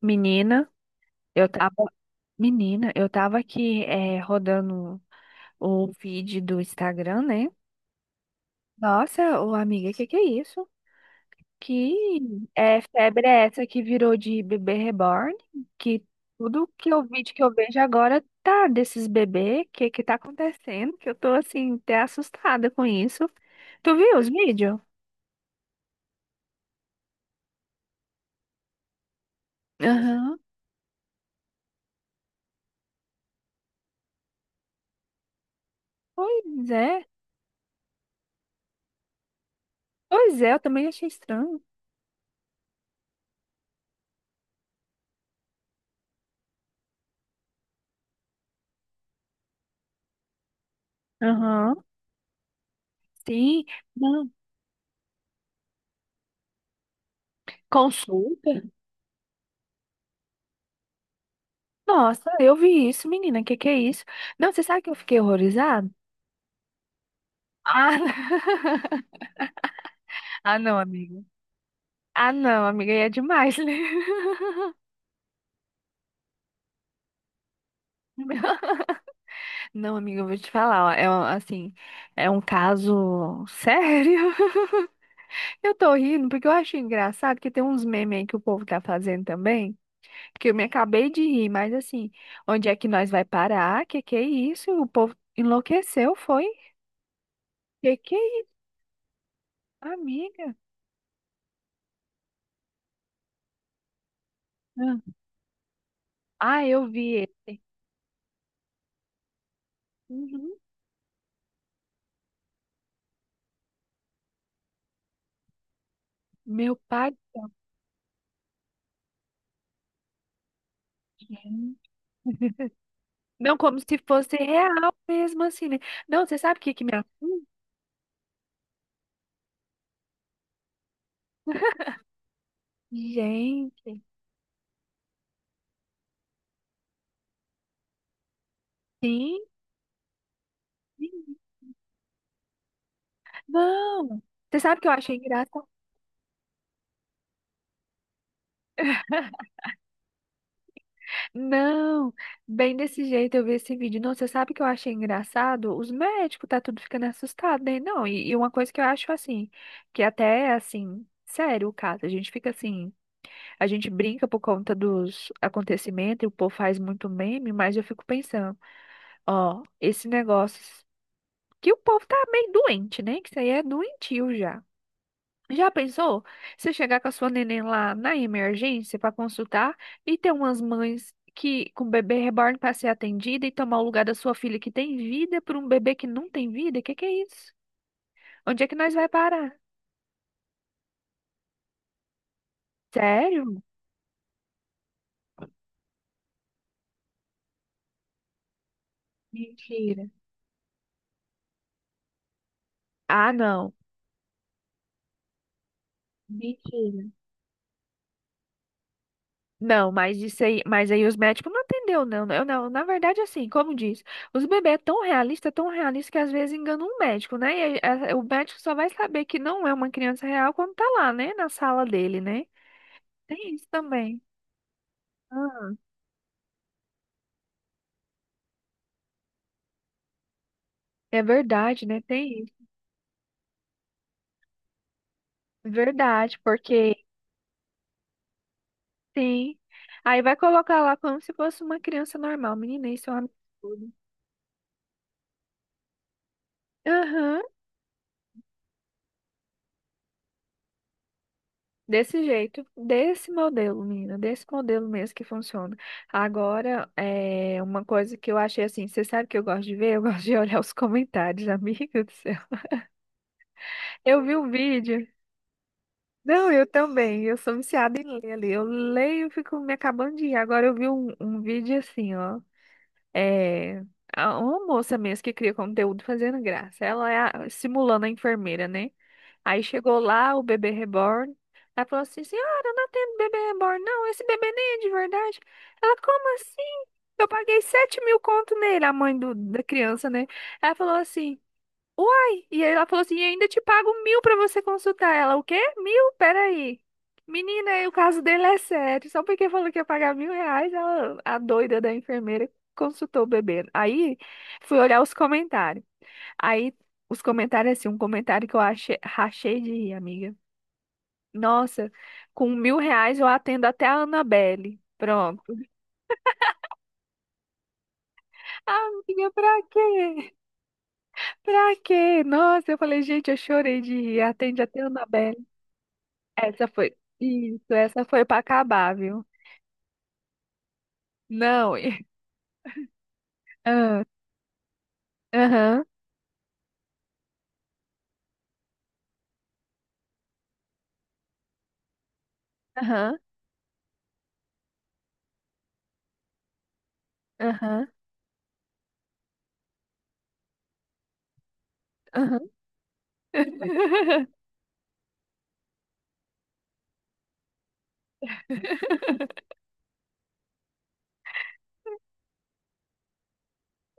Menina, eu tava, Menina, eu tava aqui é rodando o feed do Instagram, né? Nossa, ô amiga, que é isso? Que febre é essa que virou de bebê reborn? Que tudo que eu vejo agora tá desses bebês. Que tá acontecendo? Que eu tô assim, até assustada com isso. Tu viu os vídeos? Aham. Pois é. Pois é, eu também achei estranho. Aham. Sim. Não. Consulta. Nossa, eu vi isso, menina. Que é isso? Não, você sabe que eu fiquei horrorizada? Ah, ah, não, amiga. Ah, não, amiga, aí é demais, né? Não, amiga, eu vou te falar, ó, assim, é um caso sério. Eu tô rindo porque eu acho engraçado que tem uns memes aí que o povo tá fazendo também, que eu me acabei de rir, mas assim, onde é que nós vai parar? Que é isso? O povo enlouqueceu, foi? Que é isso, amiga? Ah, Ah, eu vi esse. Uhum. Meu pai, gente. Não, como se fosse real mesmo, assim, né? Não, você sabe o que que me assusta? Gente, sim. Sim. Não, você sabe o que eu achei engraçado? Não, bem desse jeito eu vi esse vídeo. Não, você sabe o que eu achei engraçado? Os médicos tá tudo ficando assustado, né? Não, e uma coisa que eu acho assim, que até é, assim, sério o caso, a gente fica assim, a gente brinca por conta dos acontecimentos e o povo faz muito meme, mas eu fico pensando. Ó, esse negócio que o povo tá meio doente, né? Que isso aí é doentio já. Já pensou? Você chegar com a sua neném lá na emergência para consultar e ter umas mães que com bebê reborn para ser atendida e tomar o lugar da sua filha que tem vida por um bebê que não tem vida? Que é isso? Onde é que nós vai parar? Sério? Mentira. Ah, não. Mentira. Não, mas isso aí, mas aí os médicos não atendeu, não, né? Eu não, na verdade, assim, como diz, os bebês é tão realista que às vezes engana um médico, né? E aí, o médico só vai saber que não é uma criança real quando tá lá, né? Na sala dele, né? Tem isso também. Ah, é verdade, né? Tem isso. É verdade, porque sim. Aí vai colocar lá como se fosse uma criança normal. Menina, isso é um absurdo. Aham. Desse jeito, desse modelo, menina, desse modelo mesmo que funciona. Agora, é uma coisa que eu achei assim, você sabe que eu gosto de ver? Eu gosto de olhar os comentários, amiga do céu. Eu vi o vídeo. Não, eu também, eu sou viciada em ler ali. Eu leio e fico me acabando de ir. Agora eu vi um vídeo assim, ó. É, uma moça mesmo que cria conteúdo fazendo graça. Ela é simulando a enfermeira, né? Aí chegou lá o bebê reborn. Ela falou assim: Senhora, eu não atendo bebê reborn, não. Esse bebê nem é de verdade. Ela, como assim? Eu paguei 7 mil conto nele, a mãe do, da criança, né? Ela falou assim: Uai! E aí ela falou assim: E ainda te pago mil pra você consultar. Ela, o quê? Mil? Peraí. Menina, aí o caso dele é sério. Só porque falou que ia pagar mil reais, ela, a doida da enfermeira consultou o bebê. Aí fui olhar os comentários. Aí, os comentários, assim, um comentário que eu achei, rachei de rir, amiga. Nossa, com mil reais eu atendo até a Annabelle. Pronto. Amiga, pra quê? Pra quê? Nossa, eu falei, gente, eu chorei de rir. Atende até a Annabelle. Essa foi. Isso, essa foi pra acabar, viu? Não. Ah, aham, aham, aham, aham.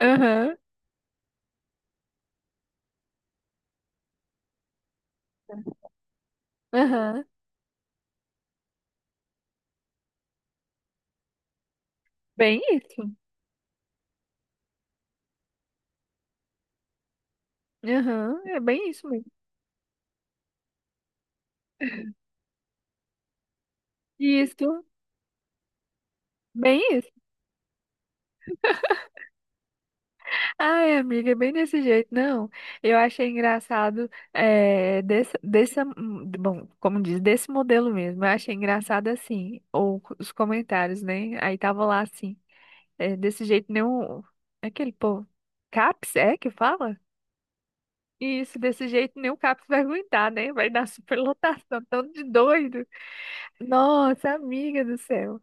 Aham, aham. Bem isso. Aham, é bem isso mesmo. Isso. Bem isso. Ai, amiga, é bem desse jeito. Não, eu achei engraçado é, bom, como diz, desse modelo mesmo. Eu achei engraçado assim, ou os comentários, né? Aí tava lá assim, é, desse jeito nem o é aquele povo, CAPS é que fala? Isso, desse jeito nem o CAPS vai aguentar, né? Vai dar superlotação, tanto de doido. Nossa, amiga do céu.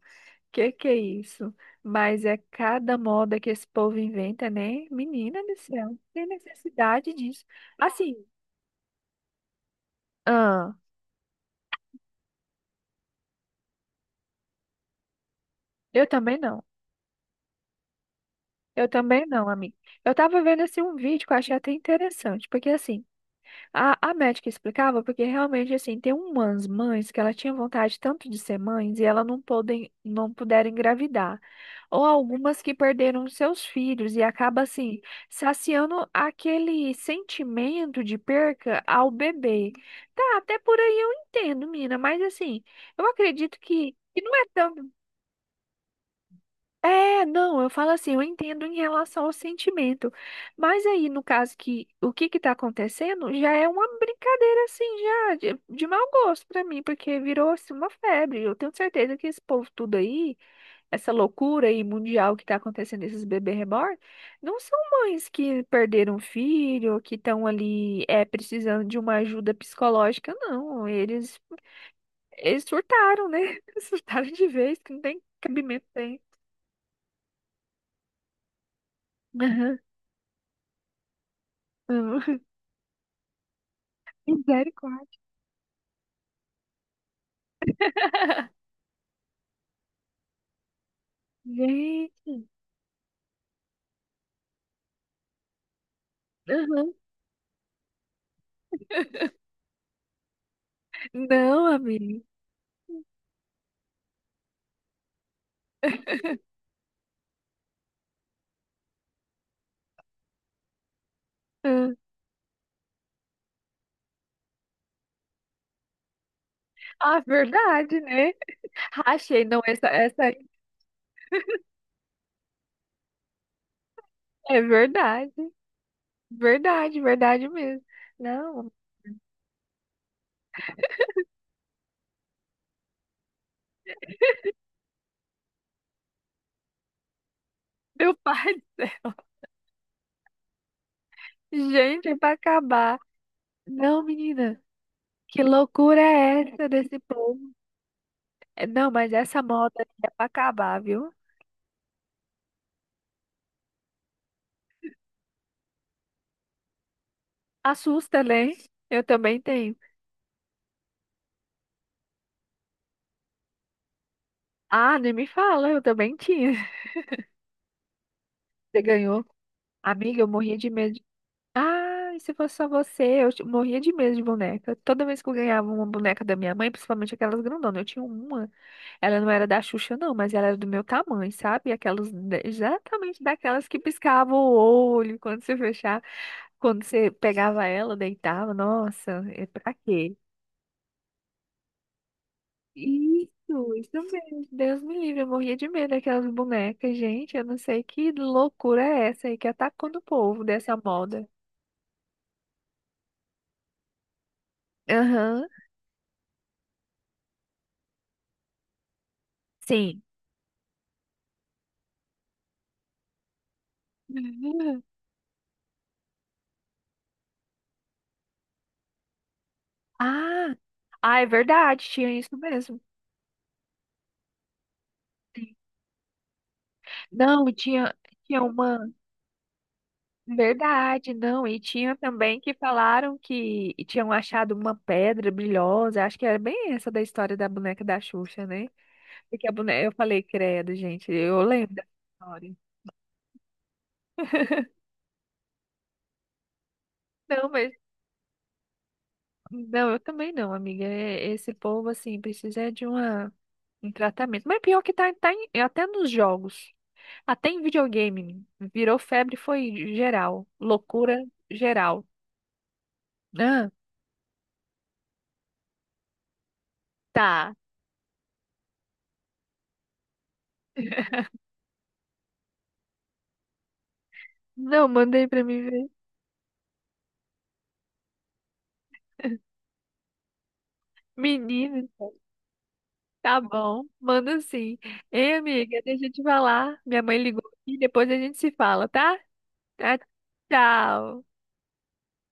Que é isso? Mas é cada moda que esse povo inventa, né? Menina do céu, tem necessidade disso. Assim, ah, eu também não. Eu também não, amiga. Eu tava vendo assim um vídeo que eu achei até interessante, porque assim, a médica explicava porque realmente, assim, tem umas mães que ela tinha vontade tanto de ser mães e ela não podem, não puderam engravidar. Ou algumas que perderam os seus filhos e acaba, assim, saciando aquele sentimento de perca ao bebê. Tá, até por aí eu entendo, mina, mas assim, eu acredito que não é tão é, não, eu falo assim, eu entendo em relação ao sentimento, mas aí no caso que o que que tá acontecendo já é uma brincadeira assim já de mau gosto pra mim, porque virou assim uma febre. Eu tenho certeza que esse povo tudo aí, essa loucura aí mundial que tá acontecendo esses bebês reborn, não são mães que perderam um filho, que estão ali é precisando de uma ajuda psicológica, não. Eles surtaram, né? Surtaram de vez, que não tem cabimento tem. Aham. Misericórdia. Gente. Aham. Não, amiga. Ah, ah, verdade, né? Achei, não, essa é verdade. Verdade, verdade mesmo. Não, meu pai do céu. Gente, é pra acabar. Não, menina, que loucura é essa desse povo? É, não, mas essa moda aí é pra acabar, viu? Assusta, né? Eu também tenho. Ah, nem me fala, eu também tinha. Você ganhou? Amiga, eu morria de medo. Ah, se fosse só você, morria de medo de boneca. Toda vez que eu ganhava uma boneca da minha mãe, principalmente aquelas grandonas, eu tinha uma. Ela não era da Xuxa, não, mas ela era do meu tamanho, sabe? Aquelas, exatamente daquelas que piscavam o olho quando você fechava, quando você pegava ela, deitava. Nossa, é pra quê? Isso mesmo. Deus me livre, eu morria de medo daquelas bonecas, gente. Eu não sei que loucura é essa aí que atacou no povo dessa moda. Aham. Sim. Uhum. Ah, ah, é verdade, tinha isso mesmo. Sim. Não, e tinha uma. Verdade, não. E tinha também que falaram que tinham achado uma pedra brilhosa. Acho que era bem essa da história da boneca da Xuxa, né? Porque a boneca, eu falei, credo, gente, eu lembro dessa história. Não, mas. Não, eu também não, amiga. É- Esse povo, assim, precisa é de uma, um tratamento. Mas pior que tá, até nos jogos. Até em videogame virou febre, foi geral. Loucura geral. Ah, tá. Não, mandei pra mim ver. Menino, tá bom. Manda sim. Ei, amiga, deixa eu te falar. Minha mãe ligou aqui, depois a gente se fala, tá? Tá, tchau.